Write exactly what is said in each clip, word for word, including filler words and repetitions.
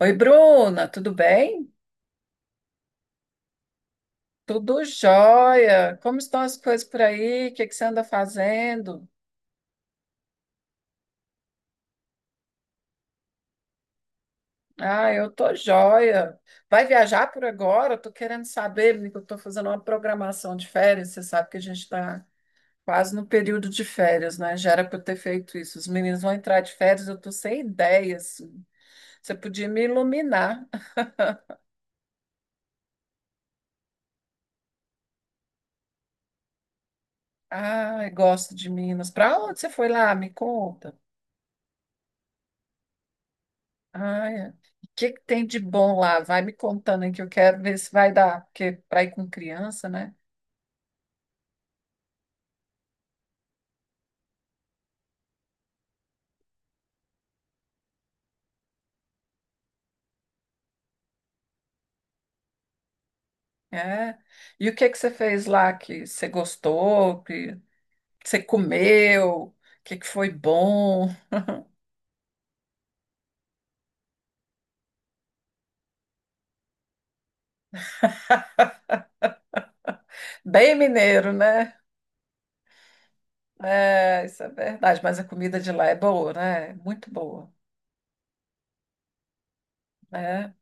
Oi, Bruna, tudo bem? Tudo jóia. Como estão as coisas por aí? O que que você anda fazendo? Ah, eu tô jóia. Vai viajar por agora? Eu tô querendo saber, porque eu tô fazendo uma programação de férias. Você sabe que a gente está quase no período de férias, né? Já era para eu ter feito isso. Os meninos vão entrar de férias, eu tô sem ideias. Você podia me iluminar. Ah, gosto de Minas. Para onde você foi lá? Me conta. Ai, o que que tem de bom lá? Vai me contando aí que eu quero ver se vai dar, porque para ir com criança, né? É. E o que que você fez lá que você gostou, que você comeu, que que foi bom? Bem mineiro, né? É, isso é verdade, mas a comida de lá é boa, né? Muito boa. Né?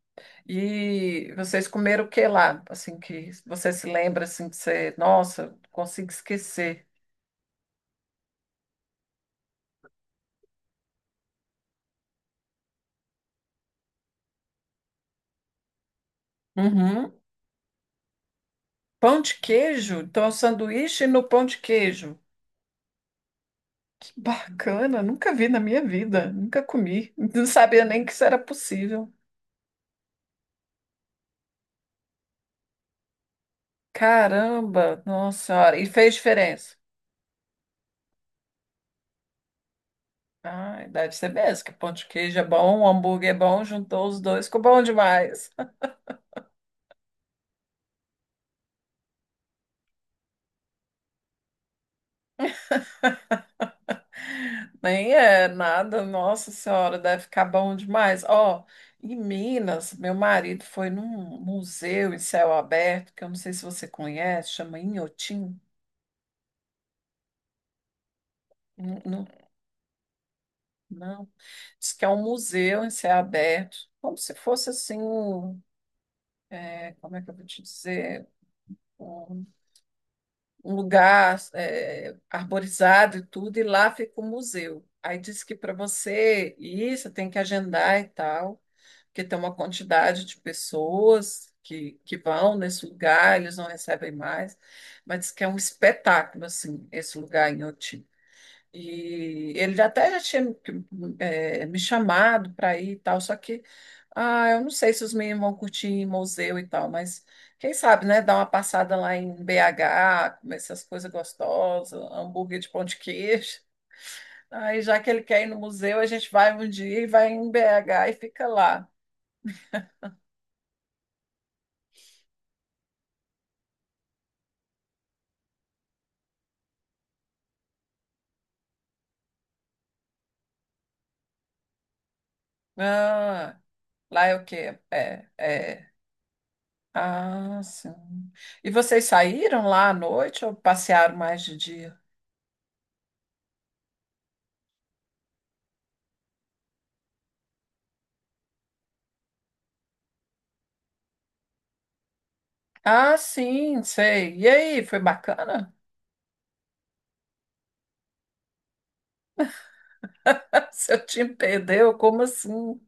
E vocês comeram o que lá? Assim que você se lembra assim que você, nossa, não consigo esquecer. Uhum. Pão de queijo? Então, é um sanduíche no pão de queijo. Que bacana, nunca vi na minha vida, nunca comi. Não sabia nem que isso era possível. Caramba, nossa senhora, e fez diferença. Ah, deve ser mesmo, que pão de queijo é bom, hambúrguer é bom, juntou os dois, ficou bom demais. Nem é nada, nossa senhora, deve ficar bom demais. Ó, em Minas, meu marido foi num museu em céu aberto, que eu não sei se você conhece, chama Inhotim. Não, não. Diz que é um museu em céu aberto, como se fosse assim, um, é, como é que eu vou te dizer? Um, um lugar é, arborizado e tudo, e lá fica o museu. Aí diz que para você ir, você tem que agendar e tal, porque tem uma quantidade de pessoas que, que vão nesse lugar, eles não recebem mais, mas diz que é um espetáculo, assim, esse lugar em Oti. E ele até já tinha eh, me chamado para ir e tal, só que ah, eu não sei se os meninos vão curtir em museu e tal, mas quem sabe, né? Dar uma passada lá em B H, comer essas coisas gostosas, hambúrguer de pão de queijo. Aí, já que ele quer ir no museu, a gente vai um dia e vai em B H e fica lá. Ah, lá é o quê? É, é. Ah, sim. E vocês saíram lá à noite ou passearam mais de dia? Ah, sim, sei. E aí, foi bacana? Seu time perdeu? Como assim?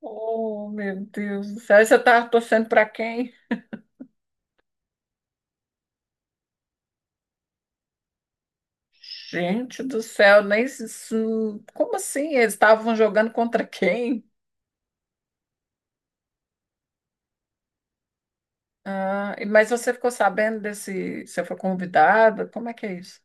Oh, meu Deus do céu. E você estava torcendo para quem? Gente do céu, nem se- isso- como assim? Eles estavam jogando contra quem? Ah, e- mas você ficou sabendo desse. Você foi convidada? Como é que é isso?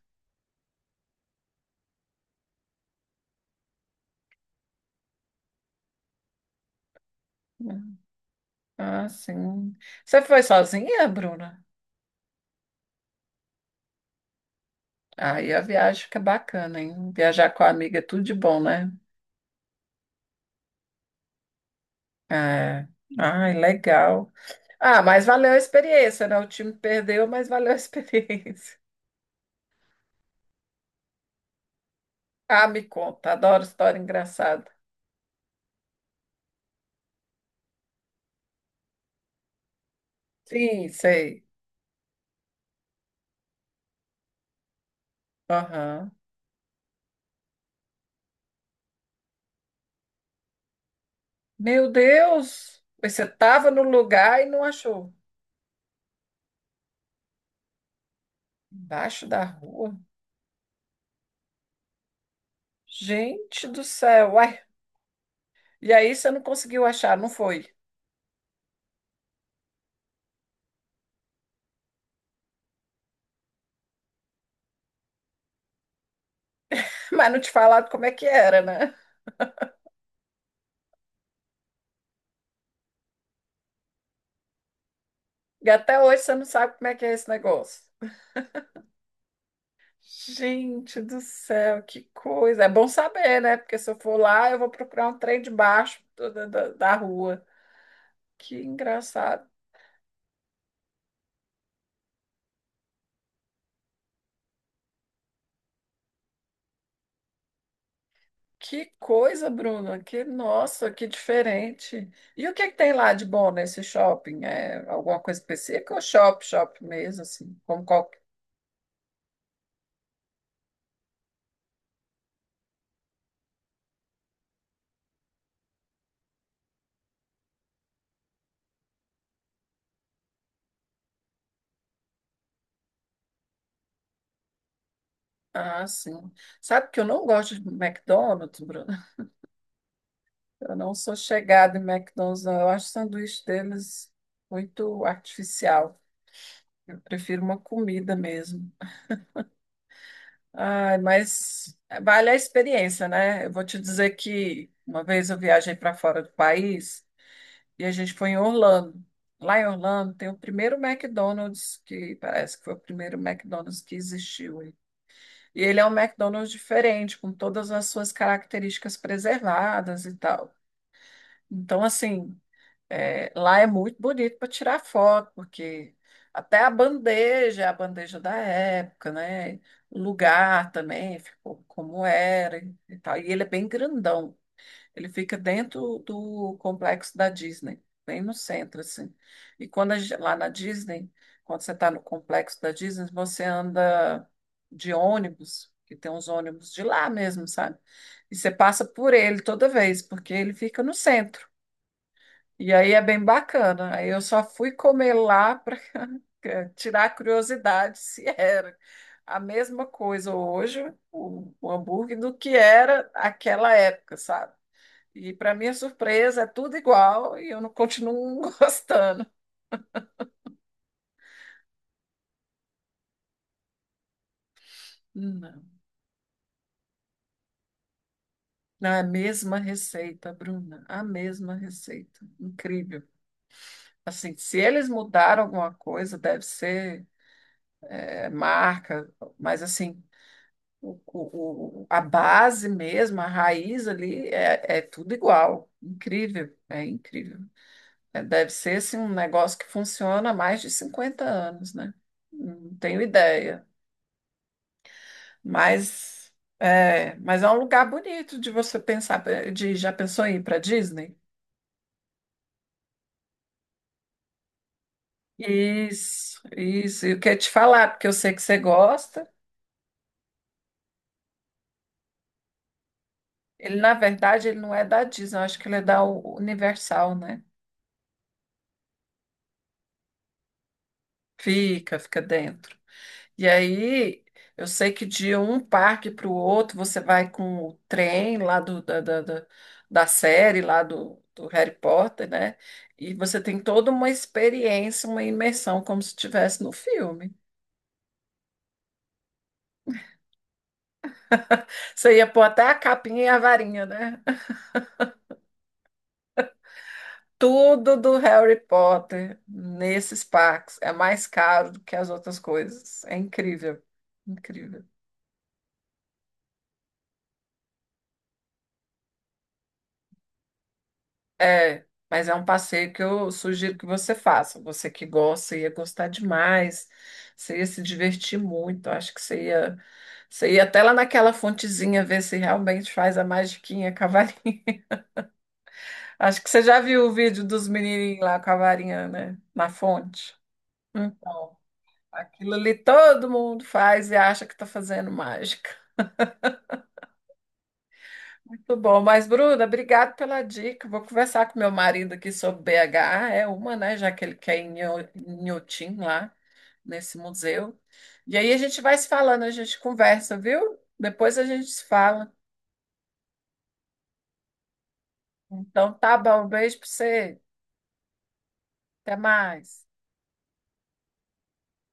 Ah, sim. Você foi sozinha, Bruna? Aí a viagem fica bacana, hein? Viajar com a amiga é tudo de bom, né? É. Ai, legal. Ah, mas valeu a experiência, né? O time perdeu, mas valeu a experiência. Ah, me conta, adoro história engraçada. Sim, sei. Aham. Meu Deus! Mas você estava no lugar e não achou. Embaixo da rua? Gente do céu! Uai. E aí você não conseguiu achar, não foi? Mas não te falaram como é que era, né? E até hoje você não sabe como é que é esse negócio. Gente do céu, que coisa. É bom saber, né? Porque se eu for lá, eu vou procurar um trem debaixo da, da, da rua. Que engraçado. Que coisa, Bruna. Que nossa, que diferente. E o que que tem lá de bom nesse shopping? É alguma coisa específica ou shop, shop mesmo, assim? Como qualquer... Ah, sim. Sabe que eu não gosto de McDonald's, Bruna? Eu não sou chegada em McDonald's, não. Eu acho o sanduíche deles muito artificial. Eu prefiro uma comida mesmo. Ai, mas vale a experiência, né? Eu vou te dizer que uma vez eu viajei para fora do país e a gente foi em Orlando. Lá em Orlando tem o primeiro McDonald's, que parece que foi o primeiro McDonald's que existiu. E ele é um McDonald's diferente, com todas as suas características preservadas e tal. Então, assim, é, lá é muito bonito para tirar foto, porque até a bandeja, é a bandeja da época, né? O lugar também ficou como era e tal. E ele é bem grandão. Ele fica dentro do complexo da Disney, bem no centro, assim. E quando a gen- lá na Disney, quando você está no complexo da Disney, você anda de ônibus, que tem uns ônibus de lá mesmo, sabe? E você passa por ele toda vez, porque ele fica no centro. E aí é bem bacana. Aí eu só fui comer lá para tirar a curiosidade se era a mesma coisa hoje, o, o hambúrguer, do que era aquela época, sabe? E para minha surpresa, é tudo igual e eu não continuo gostando. Não. Não, é a mesma receita, Bruna, a mesma receita. Incrível. Assim, se eles mudaram alguma coisa, deve ser é, marca, mas assim, O, o- o- a base mesmo, a raiz ali é, é tudo igual. Incrível, é incrível. É, deve ser assim, um negócio que funciona há mais de cinquenta anos, né? Não tenho ideia. Mas é, mas é um lugar bonito de você pensar, de já pensou em ir para Disney? Isso, isso. E eu queria te falar, porque eu sei que você gosta. Ele, na verdade, ele não é da Disney, eu acho que ele é da U- Universal, né? Fica, fica dentro. E aí, eu sei que de um parque para o outro você vai com o trem lá do, da, da, da, da série, lá do, do Harry Potter, né? E você tem toda uma experiência, uma imersão, como se estivesse no filme. Você ia pôr até a capinha e a varinha, né? Tudo do Harry Potter nesses parques é mais caro do que as outras coisas. É incrível, incrível. É, mas é um passeio que eu sugiro que você faça. Você que gosta, ia gostar demais. Você ia se divertir muito. Acho que você ia, você ia até lá naquela fontezinha ver se realmente faz a magiquinha com a varinha. Acho que você já viu o vídeo dos menininhos lá com a varinha, né? Na fonte. Então, aquilo ali todo mundo faz e acha que está fazendo mágica. Muito bom, mas Bruna, obrigado pela dica. Vou conversar com meu marido aqui sobre B H, é uma, né, já que ele quer ir em Nho- em Inhotim lá, nesse museu. E aí a gente vai se falando, a gente conversa, viu? Depois a gente se fala. Então tá bom, um beijo para você. Até mais.